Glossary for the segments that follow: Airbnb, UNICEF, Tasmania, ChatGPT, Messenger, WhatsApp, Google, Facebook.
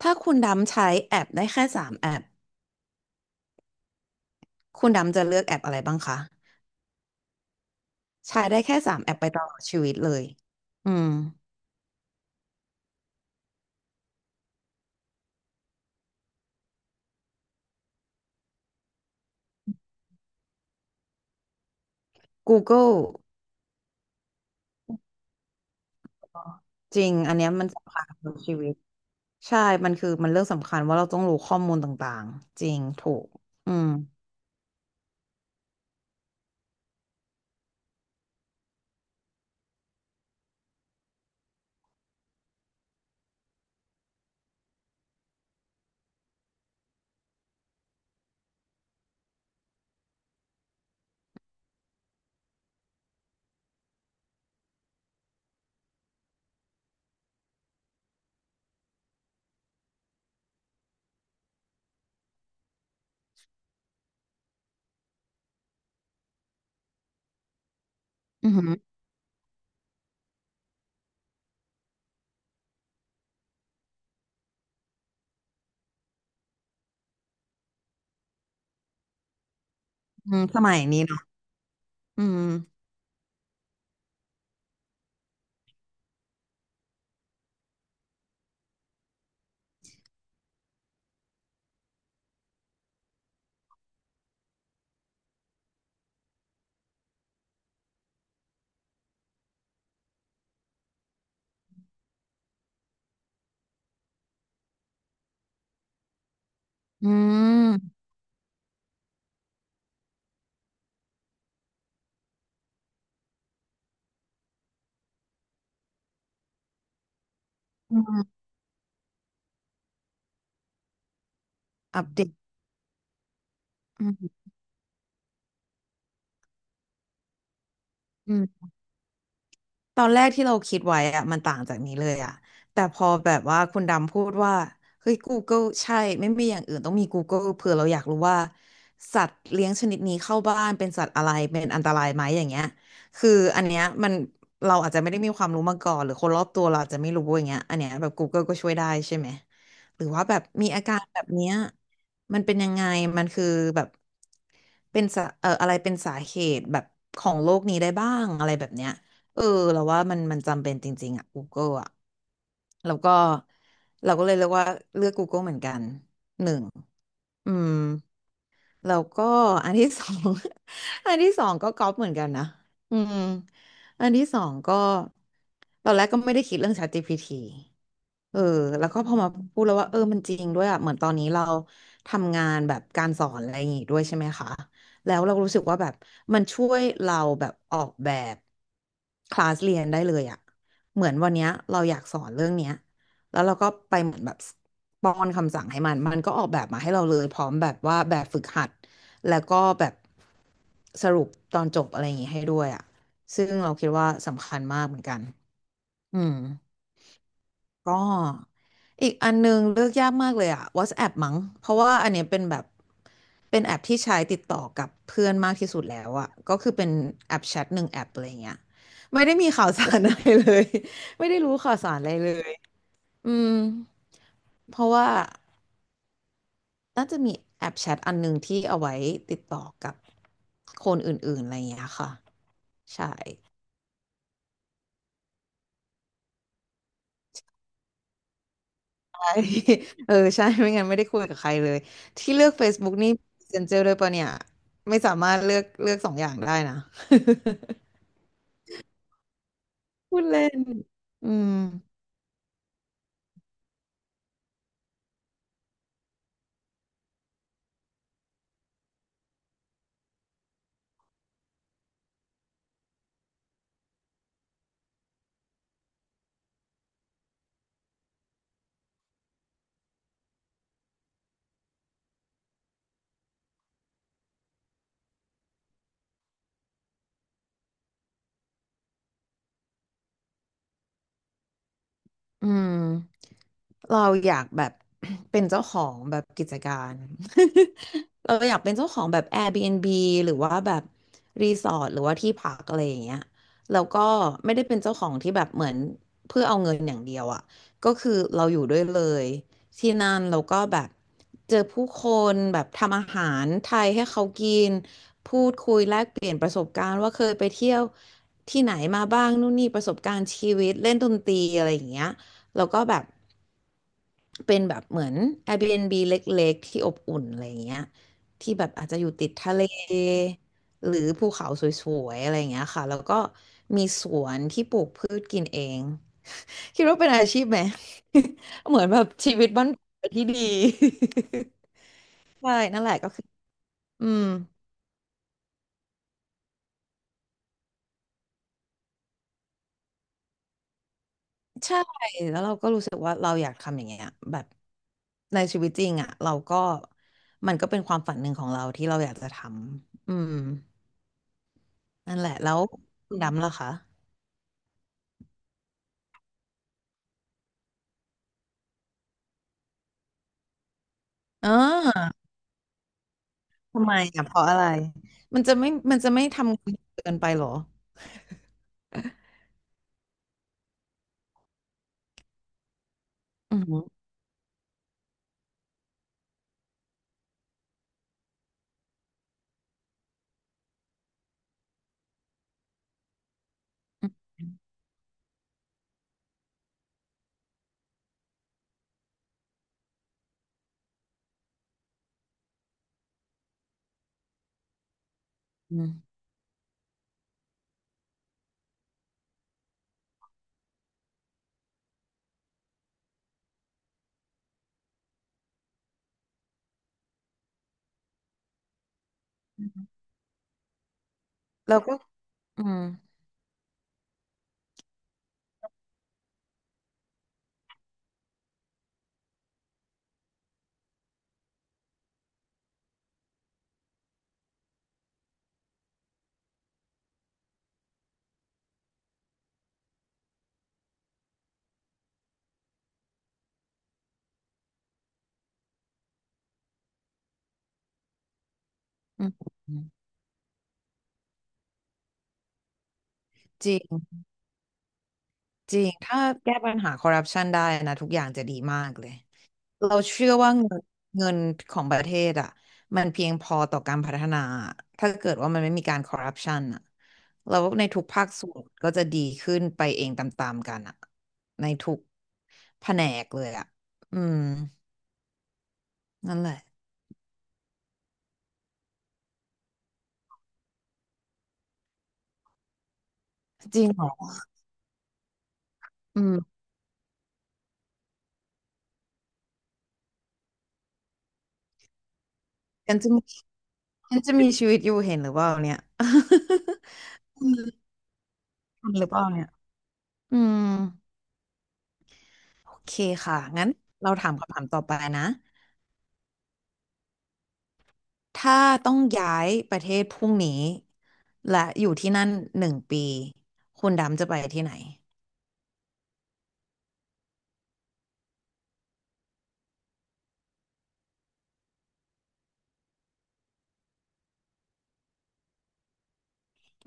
ถ้าคุณดำใช้แอปได้แค่สามแอปคุณดำจะเลือกแอปอะไรบ้างคะใช้ได้แค่สามแอปไปตลอดชีวิตเลยอืม Google จริงอันเนี้ยมันสำคัญกับชีวิตใช่มันคือมันเรื่องสำคัญว่าเราต้องรู้ข้อมูลต่างๆจริงถูกอืมอือหืออืมสมัยนี้เนาะอืมอืมอัปเดตอืมอืม ตอนแรกที่เราคิดไว้อะมันต่างจากนี้เลยอะแต่พอแบบว่าคุณดำพูดว่าเฮ้ย Google ใช่ไม่มีอย่างอื่นต้องมี Google เผื่อเราอยากรู้ว่าสัตว์เลี้ยงชนิดนี้เข้าบ้านเป็นสัตว์อะไรเป็นอันตรายไหมอย่างเงี้ยคืออันเนี้ยมันเราอาจจะไม่ได้มีความรู้มาก่อนหรือคนรอบตัวเราอาจจะไม่รู้อย่างเงี้ยอันเนี้ยแบบ Google ก็ช่วยได้ใช่ไหมหรือว่าแบบมีอาการแบบเนี้ยมันเป็นยังไงมันคือแบบเป็นสาอะไรเป็นสาเหตุแบบของโรคนี้ได้บ้างอะไรแบบเนี้ย เออเราว่ามันจำเป็นจริงๆอ่ะ Google อ่ะแล้วก็เราก็เลยเลือกว่าเลือก Google เหมือนกันหนึ่งอืม แล้วก็อันที่สอง อันที่สองก็ก๊อปเหมือนกันนะอืมอันที่สองก็ตอนแรกก็ไม่ได้คิดเรื่อง ChatGPT เออแล้วก็พอมาพูดแล้วว่าเออมันจริงด้วยอ่ะเหมือนตอนนี้เราทำงานแบบการสอนอะไรอย่างงี้ด้วยใช่ไหมคะแล้วเรารู้สึกว่าแบบมันช่วยเราแบบออกแบบคลาสเรียนได้เลยอ่ะเหมือนวันเนี้ยเราอยากสอนเรื่องเนี้ย แล้วเราก็ไปเหมือนแบบป้อนคำสั่งให้มัน มันก็ออกแบบมาให้เราเลยพร้อมแบบว่าแบบฝึกหัดแล้วก็แบบสรุปตอนจบอะไรอย่างงี้ให้ด้วยอ่ะซึ่งเราคิดว่าสำคัญมากเหมือนกันอืมก็อีกอันนึงเลือกยากมากเลยอ่ะ WhatsApp มั้งเพราะว่าอันเนี้ยเป็นแบบเป็นแอปที่ใช้ติดต่อกับเพื่อนมากที่สุดแล้วอ่ะก็คือเป็นแอปแชทหนึ่งแอปอะไรอย่เงี้ยไม่ได้มีข่าวสารอะไรเลย ไม่ได้รู้ข่าวสารอะไรเลย อืมเพราะว่าน่าจะมีแอปแชทอันหนึ่งที่เอาไว้ติดต่อกับคนอื่นๆอะไรอย่างเงี้ยค่ะใช่ใช่ เออใช่ไม่งั้นไม่ได้คุยกับใครเลยที่เลือก Facebook นี่ Messenger ด้วยปะเนี่ยไม่สามารถเลือกสองอย่างได้นะ พูดเล่นอืมอืม เราอยากแบบ เป็นเจ้าของแบบกิจการ เราอยากเป็นเจ้าของแบบ Airbnb หรือว่าแบบรีสอร์ทหรือว่าที่พักอะไรอย่างเงี้ย แล้วก็ไม่ได้เป็นเจ้าของที่แบบเหมือนเพื่อเอาเงินอย่างเดียวอ่ะ ก็คือเราอยู่ด้วยเลย ที่นั่นแล้วก็แบบเจอผู้คนแบบทำอาหารไทยให้เขากินพูดคุยแลกเปลี่ยนประสบการณ์ว่าเคยไปเที่ยวที่ไหนมาบ้างนู่นนี่ประสบการณ์ชีวิตเล่นดนตรีอะไรอย่างเงี้ยแล้วก็แบบ เป็นแบบเหมือน Airbnb เล็กๆ ที่อบอุ่นอะไรอย่างเงี้ยที่แบบอาจจะอยู่ติดทะเลหรือภูเขาสวยๆอะไรอย่างเงี้ยค่ะแล้วก็มีสวนที่ปลูกพืชกินเองคิดว่าเป็นอาชีพไหม เหมือนแบบชีวิตบ้านที่ดี ใช่นั่นแหละก็คืออืมใช่แล้วเราก็รู้สึกว่าเราอยากทำอย่างเงี้ยแบบในชีวิตจริงอ่ะเราก็มันก็เป็นความฝันหนึ่งของเราที่เราอยากจะทำอืม นั่นแหละแล้วคุณดำล่ะคะเอ่ทำไมอ่ะเพราะอะไรมันจะไม่ทำงานเกินไปเหรออืมอืมอืมแล้วก็อือืมอืมจริงจริงถ้าแก้ปัญหาคอร์รัปชันได้นะทุกอย่างจะดีมากเลย เราเชื่อว่าเงินของประเทศอ่ะมันเพียงพอต่อการพัฒนาถ้าเกิดว่ามันไม่มีการคอร์รัปชันอ่ะเราว่าในทุกภาคส่วนก็จะดีขึ้นไปเองตามๆกันอ่ะในทุกแผนกเลยอ่ะอืมนั่นแหละจริงเหรออืมฉันจะมีฉันจะมีชีวิตอยู่เห็นหรือเปล่าเนี่ย อืมเห็นหรือเปล่าเนี่ยอืมโอเคค่ะงั้นเราถามคำถามต่อไปนะ ถ้าต้องย้ายประเทศพรุ่งนี้และอยู่ที่นั่นหนึ่งปีคุณดำจะไปที่ไหน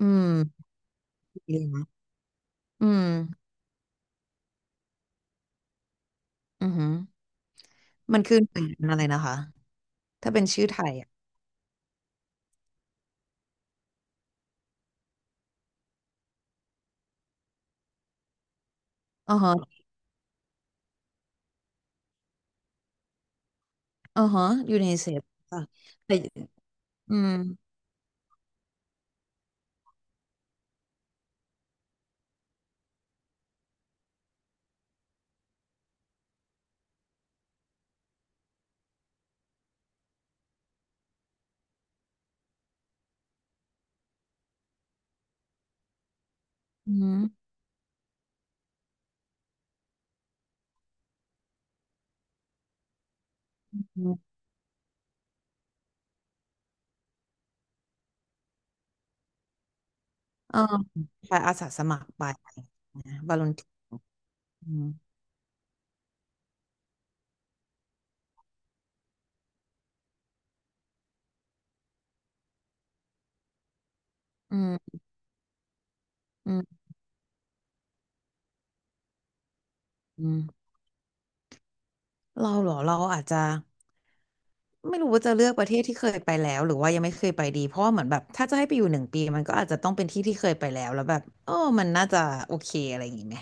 อืมดีนะอืมอือหือมันคือหน่วยงานอะไรนะคะถ้าเป็นชื่อไทยอ่ะอ๋อฮะอ๋อฮะยูเนเซฟอะแต่อืมอืมอืมเออไปอาสาสมัครไปนะวอลนเทียอืมอืมอืม เราเหรอเราอาจจะไม่รู้ว่าจะเลือกประเทศที่เคยไปแล้วหรือว่ายังไม่เคยไปดีเพราะว่าเหมือนแบบถ้าจะให้ไปอยู่หนึ่งปีมันก็อาจจะต้องเป็นที่ที่เคยไปแล้วแล้วแบบเออมันน่าจะโอเคอะไรอย่างงี้ไหม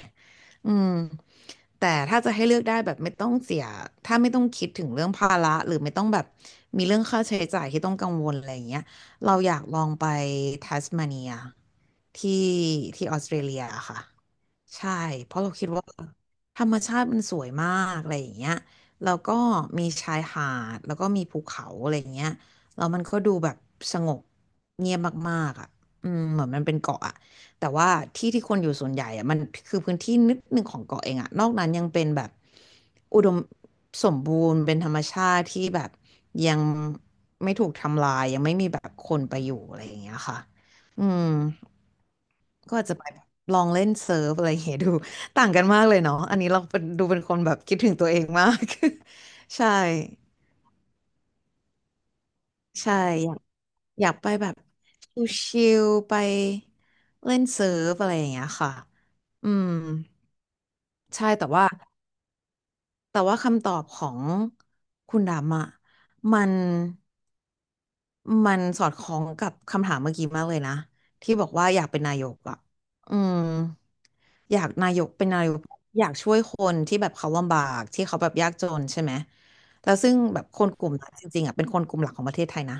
อืมแต่ถ้าจะให้เลือกได้แบบไม่ต้องเสียถ้าไม่ต้องคิดถึงเรื่องภาระหรือไม่ต้องแบบมีเรื่องค่าใช้จ่ายที่ต้องกังวลอะไรอย่างเงี้ยเราอยากลองไปทัสมาเนียที่ที่ออสเตรเลียค่ะใช่เพราะเราคิดว่าธรรมชาติมันสวยมากอะไรอย่างเงี้ย แล้วก็มีชายหาดแล้วก็มีภูเขาอะไรอย่างเงี้ยแล้วมันก็ดูแบบสงบเงียบมากๆอ่ะอืมเหมือนมันเป็นเกาะอะแต่ว่าที่ที่คนอยู่ส่วนใหญ่อะมันคือพื้นที่นิดหนึ่งของเกาะเองอะนอกนั้นยังเป็นแบบอุดมสมบูรณ์เป็นธรรมชาติที่แบบยังไม่ถูกทำลายยังไม่มีแบบคนไปอยู่อะไรอย่างเงี้ยค่ะอืม ก็อาจจะไปลองเล่นเซิร์ฟอะไรอย่างเงี้ยดูต่างกันมากเลยเนาะอันนี้เราเป็นดูเป็นคนแบบคิดถึงตัวเองมาก ใช่ใช่อยากไปแบบชิลๆไปเล่นเซิร์ฟอะไรอย่างเงี้ยค่ะอืมใช่แต่ว่า แต่ว่าคำตอบของคุณดำอ่ะมันมันสอดคล้องกับคำถามเมื่อกี้มากเลยนะที่บอกว่าอยากเป็นนายกอ่ะอืมอยากนายกเป็นนายกอยากช่วยคนที่แบบเขาลำบากที่เขาแบบยากจนใช่ไหมแล้วซึ่งแบบคนกลุ่มนั้นจริงๆอ่ะเป็นคนกลุ่มหลักของประเทศไทยนะ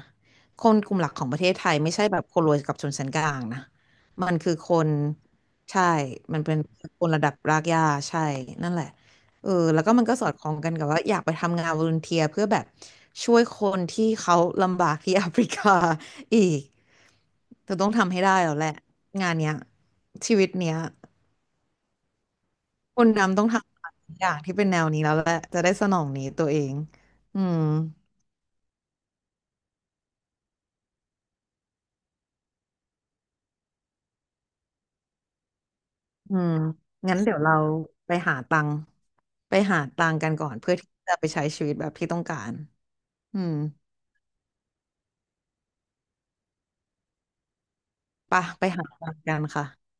คนกลุ่มหลักของประเทศไทยไม่ใช่แบบคนรวยกับชนชั้นกลางนะมันคือคนใช่มันเป็นคนระดับรากหญ้าใช่นั่นแหละ เออแล้วก็มันก็สอดคล้องกันกับว่าอยากไปทำงานวอลันเทียเพื่อแบบช่วยคนที่เขาลำบากที่ แอฟริกาอีกเธอต้องทำให้ได้แล้วแหละงานเนี้ยชีวิตเนี้ยคนดำต้องทำอย่างที่เป็นแนวนี้แล้วแหละจะได้สนองนี้ตัวเองอืมอืมงั้นเดี๋ยวเราไปหาตังค์ไปหาตังค์กันก่อนเพื่อที่จะไปใช้ชีวิตแบบที่ต้องการอืมไปะไปหาตังค์กันค่ะ